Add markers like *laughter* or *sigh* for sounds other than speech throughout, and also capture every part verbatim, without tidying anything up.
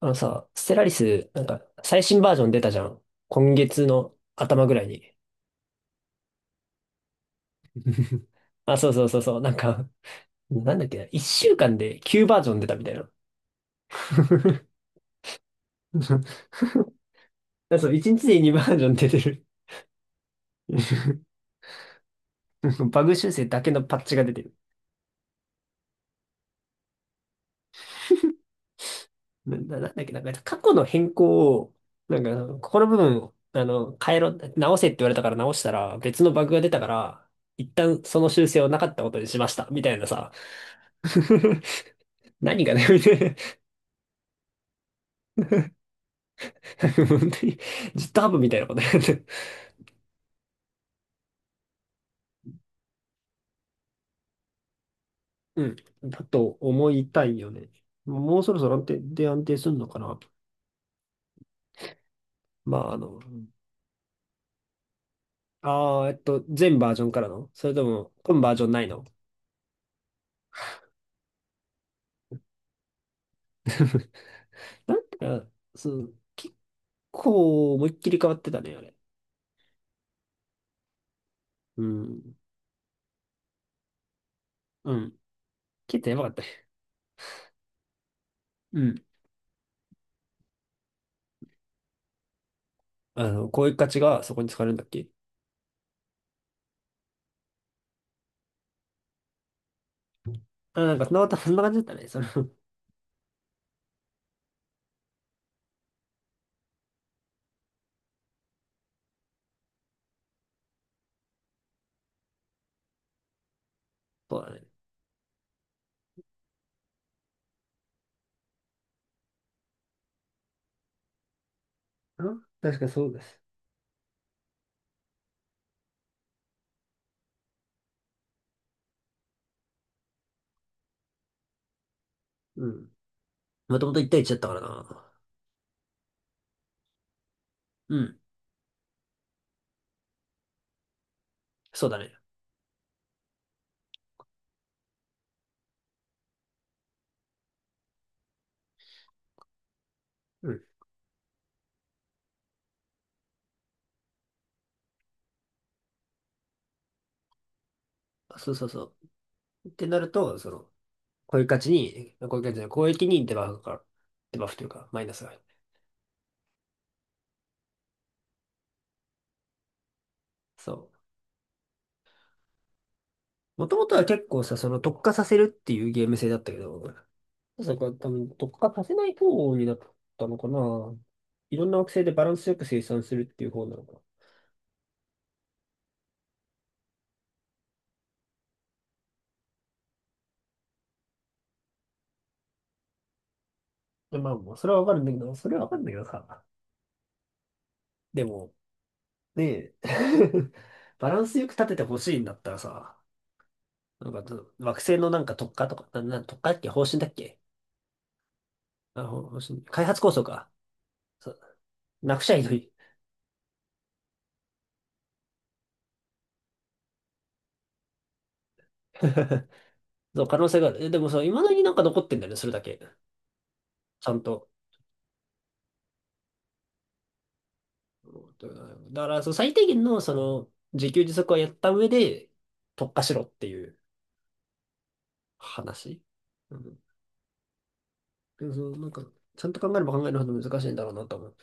あのさ、ステラリス、なんか、最新バージョン出たじゃん。今月の頭ぐらいに。*laughs* あ、そうそうそうそう。なんか、なんだっけな。いっしゅうかんできゅうバージョン出たみたいな。*laughs* あそう、いちにちでにバージョン出てる。*laughs* バグ修正だけのパッチが出てる。な、ななんだっけな。なんか過去の変更を、なんかあの、ここの部分を、あの、変えろ、直せって言われたから直したら、別のバグが出たから、一旦その修正をなかったことにしました。みたいなさ。*laughs* 何がね、*laughs* 本当に ギットハブ みたいなことやって。うん。だと思いたいよね。もうそろそろ安定、で安定するのかな。まあ、あの、ああ、えっと、全バージョンからのそれとも、今バージョンないの？なんか、そう、結構思いっきり変わってたね、あれ。うん。うん。結構やばかったね。うん。あの、こういう価値がそこに使われるんだっけ？あ、なんか、そんなこと、そんな感じだったね。その、そうだね。うん、確かそうです。うん。もともといち対いちだったからな。うん。そうだね。うん。そうそうそう。ってなると、その、こういう価値に、こういう価値じゃない、公益にデバフが、デバフというか、マイナスが入る。そう。もともとは結構さ、その特化させるっていうゲーム性だったけど、そこは多分特化させない方になったのかな。いろんな惑星でバランスよく生産するっていう方なのかな。まあ、もうそれはわかるんだけど、それはわかるんだけどさ。でも、ねえ、*laughs* バランスよく立ててほしいんだったらさ、なんか惑星のなんか特化とか、な、な、特化だっけ？方針だっけ？あ、ほほし開発構想か。そう、なくちゃいいのに。*laughs* そう、可能性がある。え、でもそう、未だになんか残ってんだよね、それだけ。ちゃんと。だから、そう、最低限の、その、自給自足はやった上で、特化しろっていう話。うん。でもそう、なんか、ちゃんと考えれば考えるほど難しいんだろうなと思う。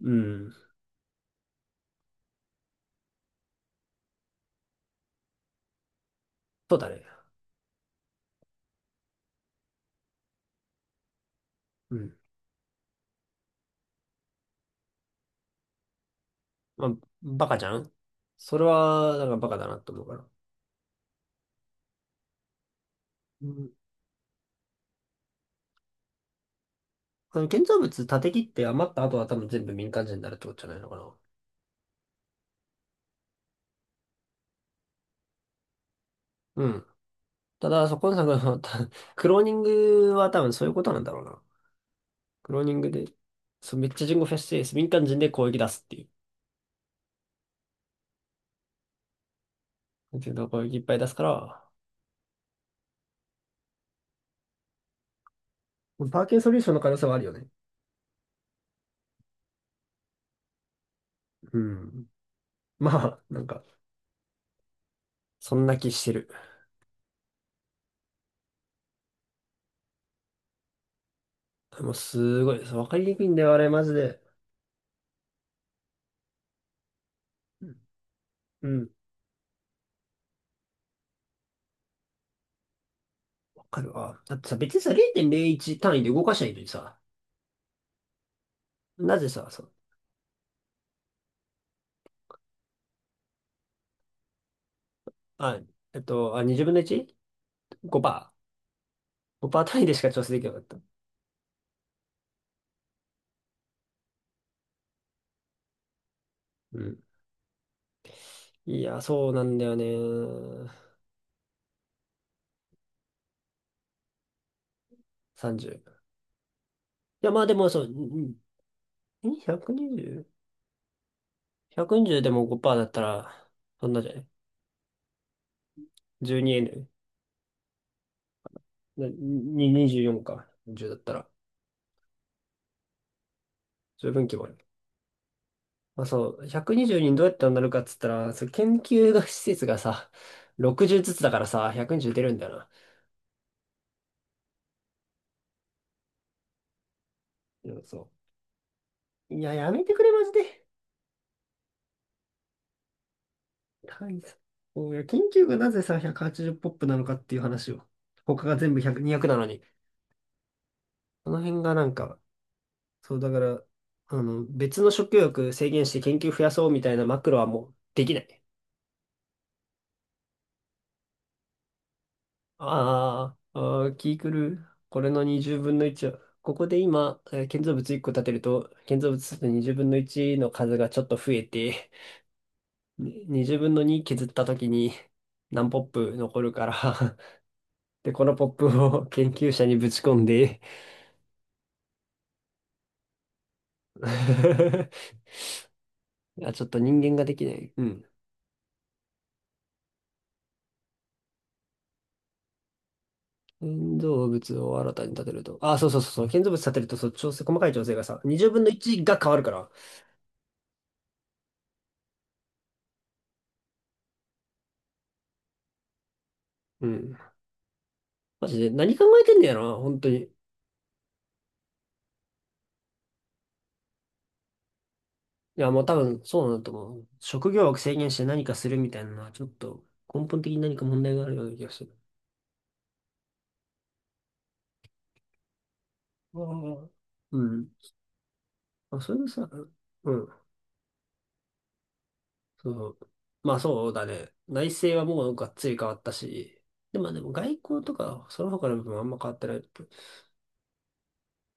うん。そうだね。うん。まあ、バカじゃんそれは、なんかバカだなと思うから。うん。あの建造物、建て切って余った後は多分全部民間人になるってことじゃないのかな。うん。ただ、そこのさ、*laughs* このたクローニングは多分そういうことなんだろうな。クローニングで、そう、めっちゃ人口フェしてす民間人で攻撃出すっていう。だけど、攻撃いっぱい出すから、パーキンソリューションの可能性はあるよね。うん。まあ、なんか、そんな気してる。もうすごいです。わかりにくいんだよ、あれ、マジで。うん、わかるわ。だってさ、別にさ、れいてんぜろいち単位で動かしないいのにさ、なぜさ、そう、あ、えっと、あ、にぶんの いち?ごパーセント。ごパーセント単位でしか調整できなかった。うん。いや、そうなんだよね。さんじゅう。いや、まあでもそう、んん ひゃくにじゅう?ひゃくにじゅう、 ひゃくにじゅうでもごパーセントだったら、そんなじゃない ?じゅうにエヌ。なににじゅうよんか。じゅうだったら、十分規模ある。まあそう、ひゃくにじゅうにじゅうにんどうやってなるかっつったら、そう研究の施設がさ、ろくじゅうずつだからさ、ひゃくにじゅう出るんだよな。うんそう。いや、やめてくれ、マジで。単位さ。そういや、研究がなぜさ、ひゃくはちじゅうポップなのかっていう話を。他が全部ひゃく、にひゃくなのに。この辺がなんか、そう、だから、あの、別の食欲制限して研究増やそうみたいなマクロはもうできない。ああ、あー気狂う。これのにじゅうぶんのいちは、ここで今、えー建造物いっこ建てると、建造物のにじゅうぶんのいちの数がちょっと増えて、ににじゅうぶんのに削った時に何ポップ残るから？ *laughs* で、このポップを研究者にぶち込んで、 *laughs* あ、ちょっと人間ができない。うん。建造物を新たに建てると。あ、そうそうそうそう。建造物建てると、そう、調整、細かい調整がさ、二ぜろぶんの一が変わるから。うん。マジで、何考えてんだよな、本当に。いや、もう多分、そうなんだと思う。職業を制限して何かするみたいなのは、ちょっと、根本的に何か問題があるような気がする。あー、うん。あ、それでさ、うん。そう。まあ、そうだね。内政はもうがっつり変わったし、でも、でも外交とか、その他の部分はあんま変わってない。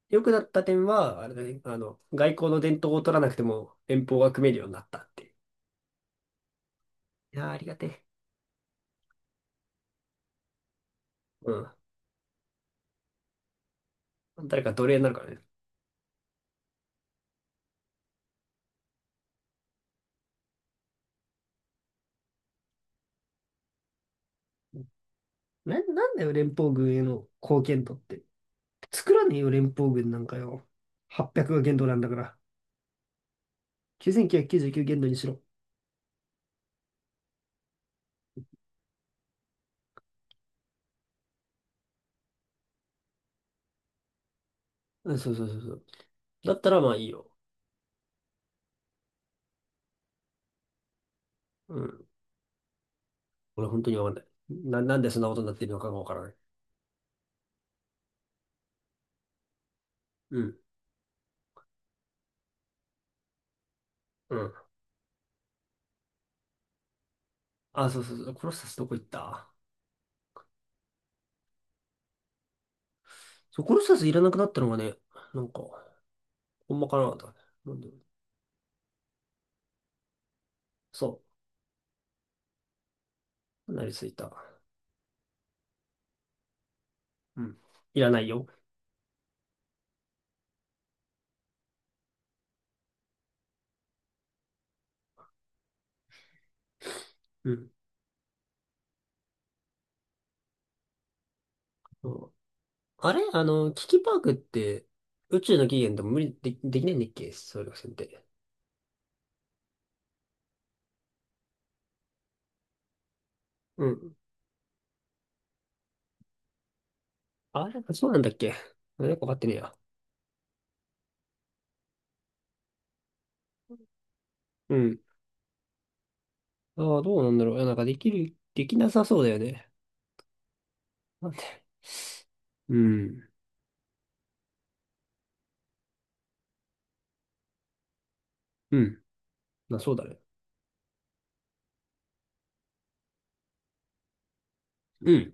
良くなった点は、あれだね、あの、外交の伝統を取らなくても連邦が組めるようになったっていう。いやー、ありがてえ。うん。誰か奴隷になるからね。な、なんだよ、連邦軍への貢献度って。作らねえよ、連邦軍なんかよ。はっぴゃくが限度なんだから。きゅうせんきゅうひゃくきゅうじゅうきゅう限度にしろ。うん、そうそうそうそう。だったらまあいいよ。うん。俺本当にわかんない。な、なんでそんなことになってるのかがわからない。うん。うん。あ、そうそうそう。コロッサスどこ行った？そう、コロッサスいらなくなったのがね、なんか、ほんまかなと。なんで？そう。なりすぎた。うん。いらないよ。うん。そう、あれ、あの、キキパークって、宇宙の起源でも無理で、できないんだっけ、総力戦って？うん。あれ、そうなんだっけ？なんかわかってねえや。うん。ああ、どうなんだろう。いや、なんかできる、できなさそうだよね。なんで？うん。うん。まあ、そうだね。うん。い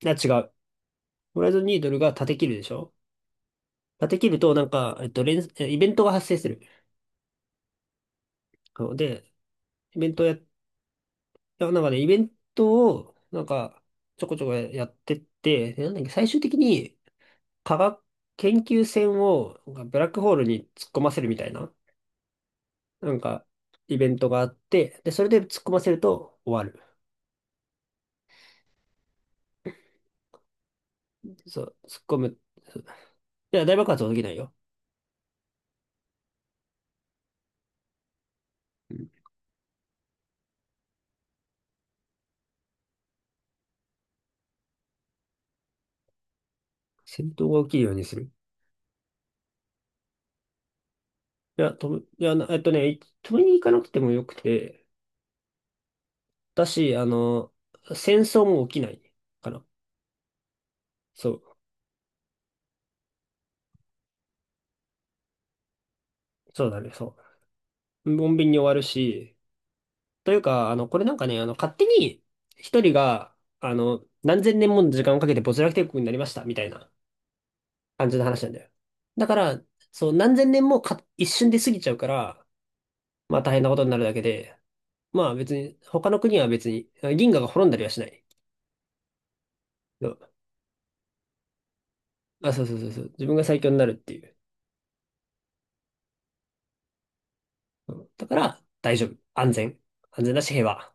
や、違う。ホライゾンニードルが立て切るでしょ？立て切ると、なんか、えっと、連、えイベントが発生する。そうで、イベントをやっだからなんかね、イベントを、なんか、ちょこちょこやってって、でなんだっけ、最終的に科学研究船をなんかブラックホールに突っ込ませるみたいな、なんか、イベントがあって、で、それで突っ込ませると終わる。そう、突っ込む。そういや、大爆発は起きないよ。うん。戦闘が起きるようにする。いや、飛ぶ、いや、なえっとね、飛びに行かなくてもよくて、だし、あの、戦争も起きないかな。そう、そうだね、そう。穏便に終わるし、というか、あの、これなんかね、あの、勝手に一人が、あの、何千年もの時間をかけて没落帝国になりました、みたいな感じの話なんだよ。だから、そう、何千年もか、一瞬で過ぎちゃうから、まあ大変なことになるだけで、まあ別に、他の国は別に、銀河が滅んだりはしない。そう、あ、そうそうそうそう、自分が最強になるっていう。うん、だから、大丈夫。安全。安全だし、平和。